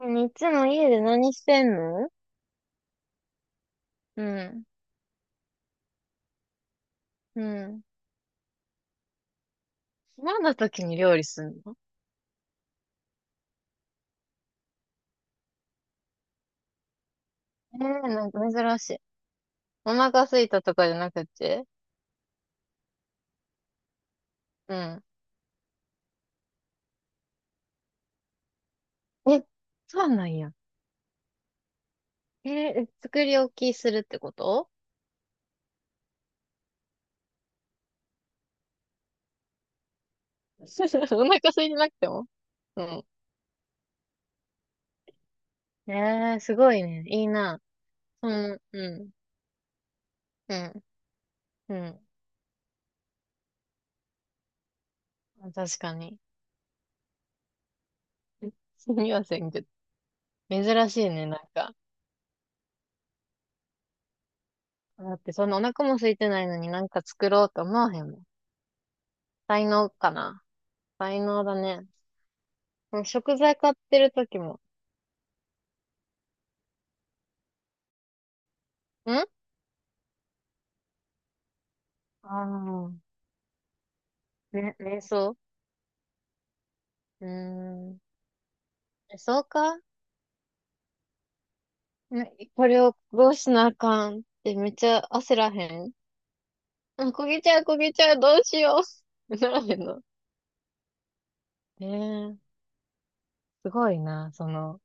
いつも家で何してんの？うん。うん。暇な時に料理すんの？ええー、なんか珍しい。お腹空いたとかじゃなくて？うん。え、そうなんや。え作り置きするってこと？ お腹空いてなくても？うん。ええー、すごいね。いいな。その、うん。うん。うん。確かに。すみませんけど。珍しいね、なんか。だって、そんなお腹も空いてないのになんか作ろうと思わへんもん。才能かな。才能だね。うん、食材買ってる時も。んああー、ね、瞑想。うーん。え、そうか？ね、これをどうしなあかんってめっちゃ焦らへん？あ、焦げちゃう、焦げちゃう、どうしよう。ならへんの？ねえ、すごいな、その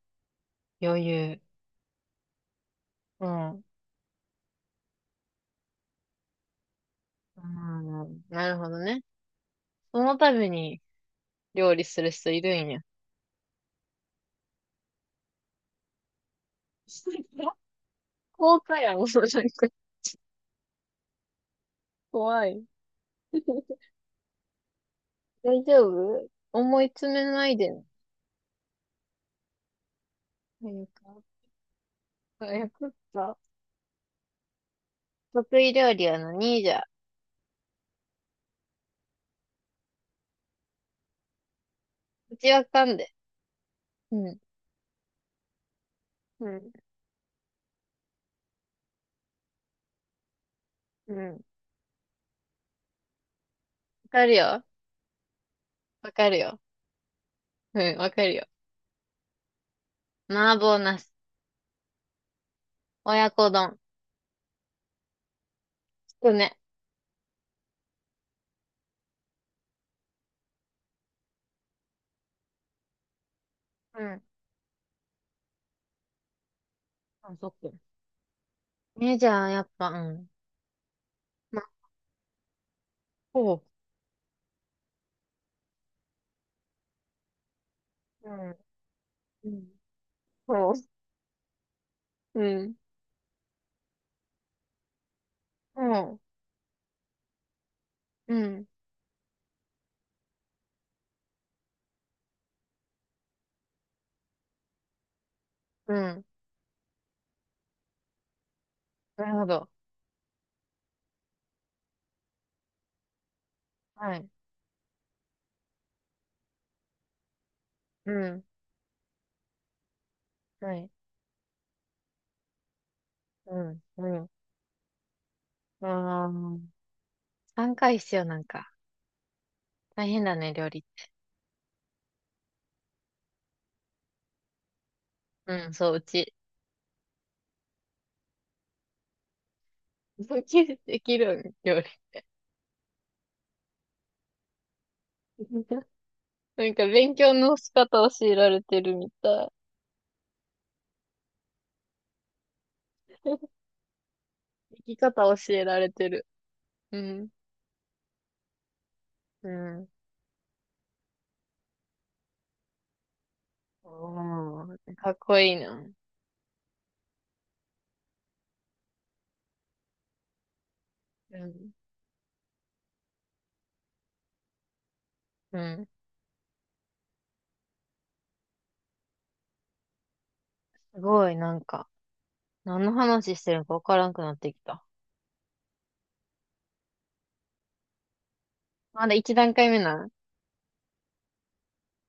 余裕。うん。うん。なるほどね。そのために料理する人いるんや。高価やん、もうん、怖い。大丈夫、思い詰めないでね。あ、よかった。よかった。得意料理は何じゃ？うちわかんで。うん。うん。うん。わかるよ。わかるよ。うん、わかるよ。麻婆茄子。親子丼。つくね。うん。あ、そっか。ね、じゃあ、やっぱ、うん。ま、ほう。うん。うん。ほう。うん。ほう。うん。うん。なるほど。はい。うん。はい。うん。うん。ああ。3回必要なんか？大変だね、料理って。うん、そう、うち。できるできるん、料理。なんか勉強の仕方教えられてるみたい。生き方教えられてる。うん。うん。おー、かっこいいな。うん。うん。すごい、なんか、何の話してるのかわからんくなってきた。まだ一段階目なん？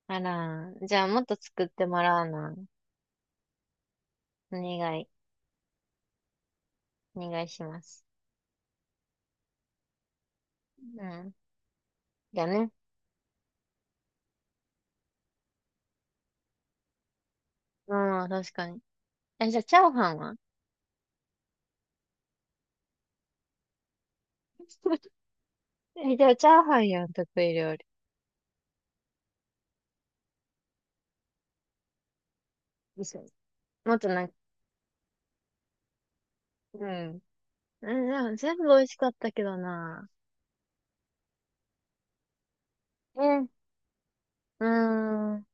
あらー、じゃあもっと作ってもらうな。お願い、お願いします。うん。だね。うん、確かに。え、じゃあチャーハンは？ え、じゃあチャーハンやん、得意料理。もっとなんか、うん。うん、でも全部美味しかったけどな。うん。うーん、う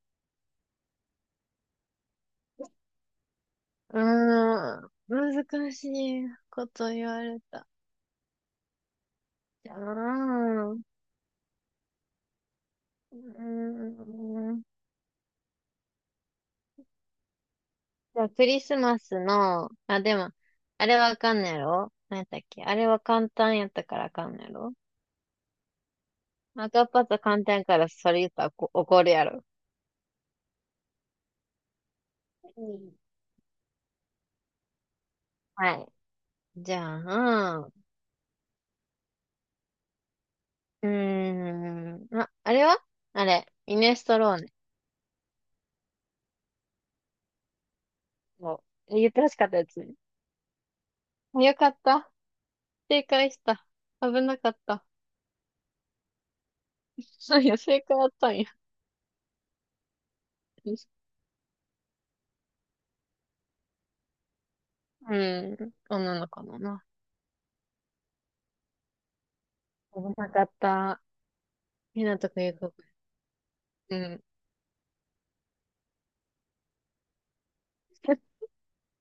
ーん、難しいこと言われた。うーん、うーん。じゃあ、クリスマスの、あ、でも、あれわかんないやろ。何やったっけ？あれは簡単やったからあかんないやろ？赤パス簡単やから、それ言ったらこ怒るやろ。うん、はい。じゃあ、うーん、あ、あれは、あれ、イネストロー？もう、言ってほしかったやつね。よかった。正解した。危なかった。そうや、正解あったんや。うん。女の子のな。危なかった。ひなとくんよく。うん。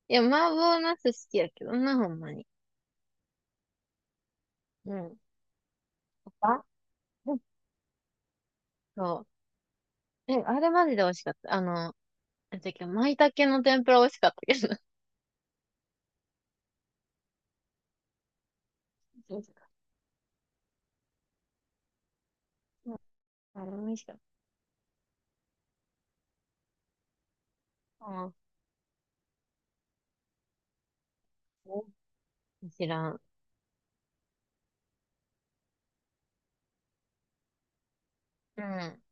いや、麻婆茄子好きやけどな、ほんまに。うん。あ、うん、そう。え、あれマジで美味しかった。あの、なんだ舞茸の天ぷら美味しかったけどな。そうそう、ん、あれ美味しかった。うん。知らん。うん。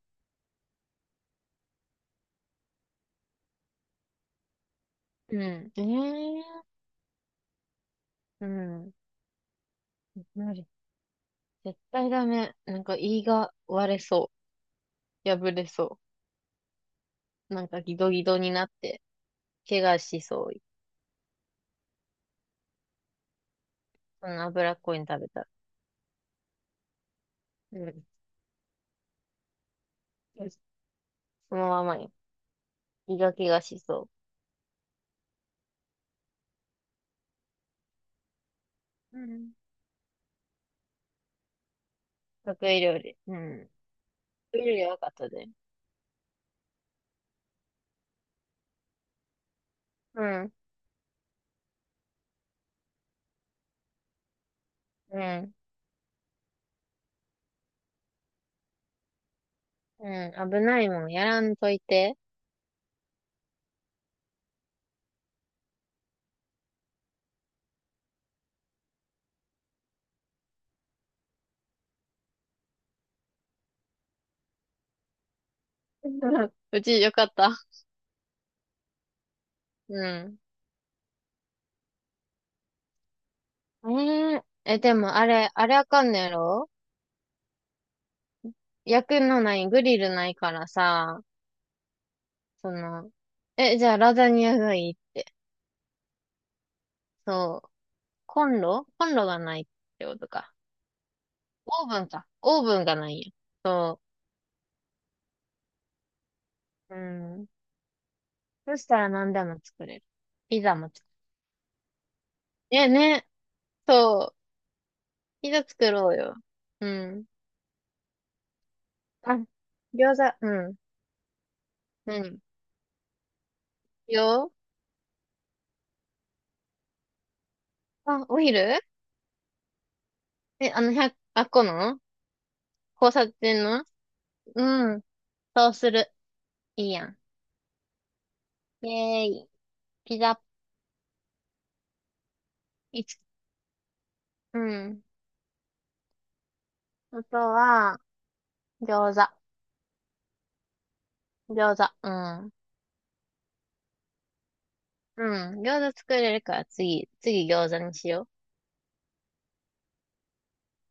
うん。ええー。うん。絶対ダメ。なんか胃が割れそう。破れそう。なんかギドギドになって、怪我しそう。その脂っこいの食べたら。うん。そのままよ。胃が怪我しそう。うん。得意料理。うん。得意料理は分かったで。うん。うん。うん。危ないもん。やらんといて。うち、よかった。うん。えー、え、でもあれ、あれあかんのやろ？焼くのない、グリルないからさ、その、え、じゃあラザニアがいい？そう、コンロコンロがないってことか？オーブンか。オーブンがないよ。そう。うん。そしたら何でも作れる。ピザも作れる。ねね。そう。ピザ作ろうよ。うん。あ、餃子、うん。うん。よ。あ、お昼？え、あの、百、あっこの交差点の？うん。そうする。いいやん。イェーイ。ピザ、いつ、うん。あとは、餃子。餃子。うん。うん。餃子作れるから次餃子にしよう。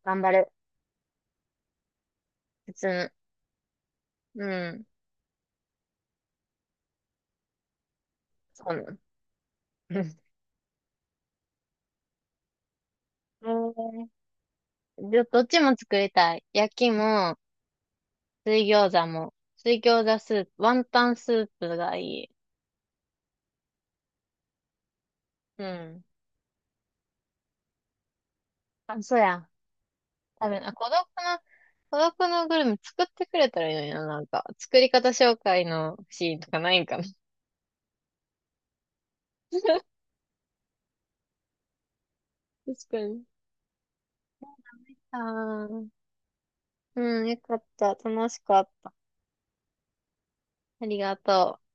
頑張る。普通の、うん。そうなの。うん。どっちも作りたい。焼きも、水餃子も。水餃子スープ、ワンタンスープがいい。うん。あ、そうや。多分、あ、孤独のグルメ作ってくれたらいいのにな、なんか。作り方紹介のシーンとかないんかな。確かに。ああ、うん、よかった。楽しかった。ありがとう。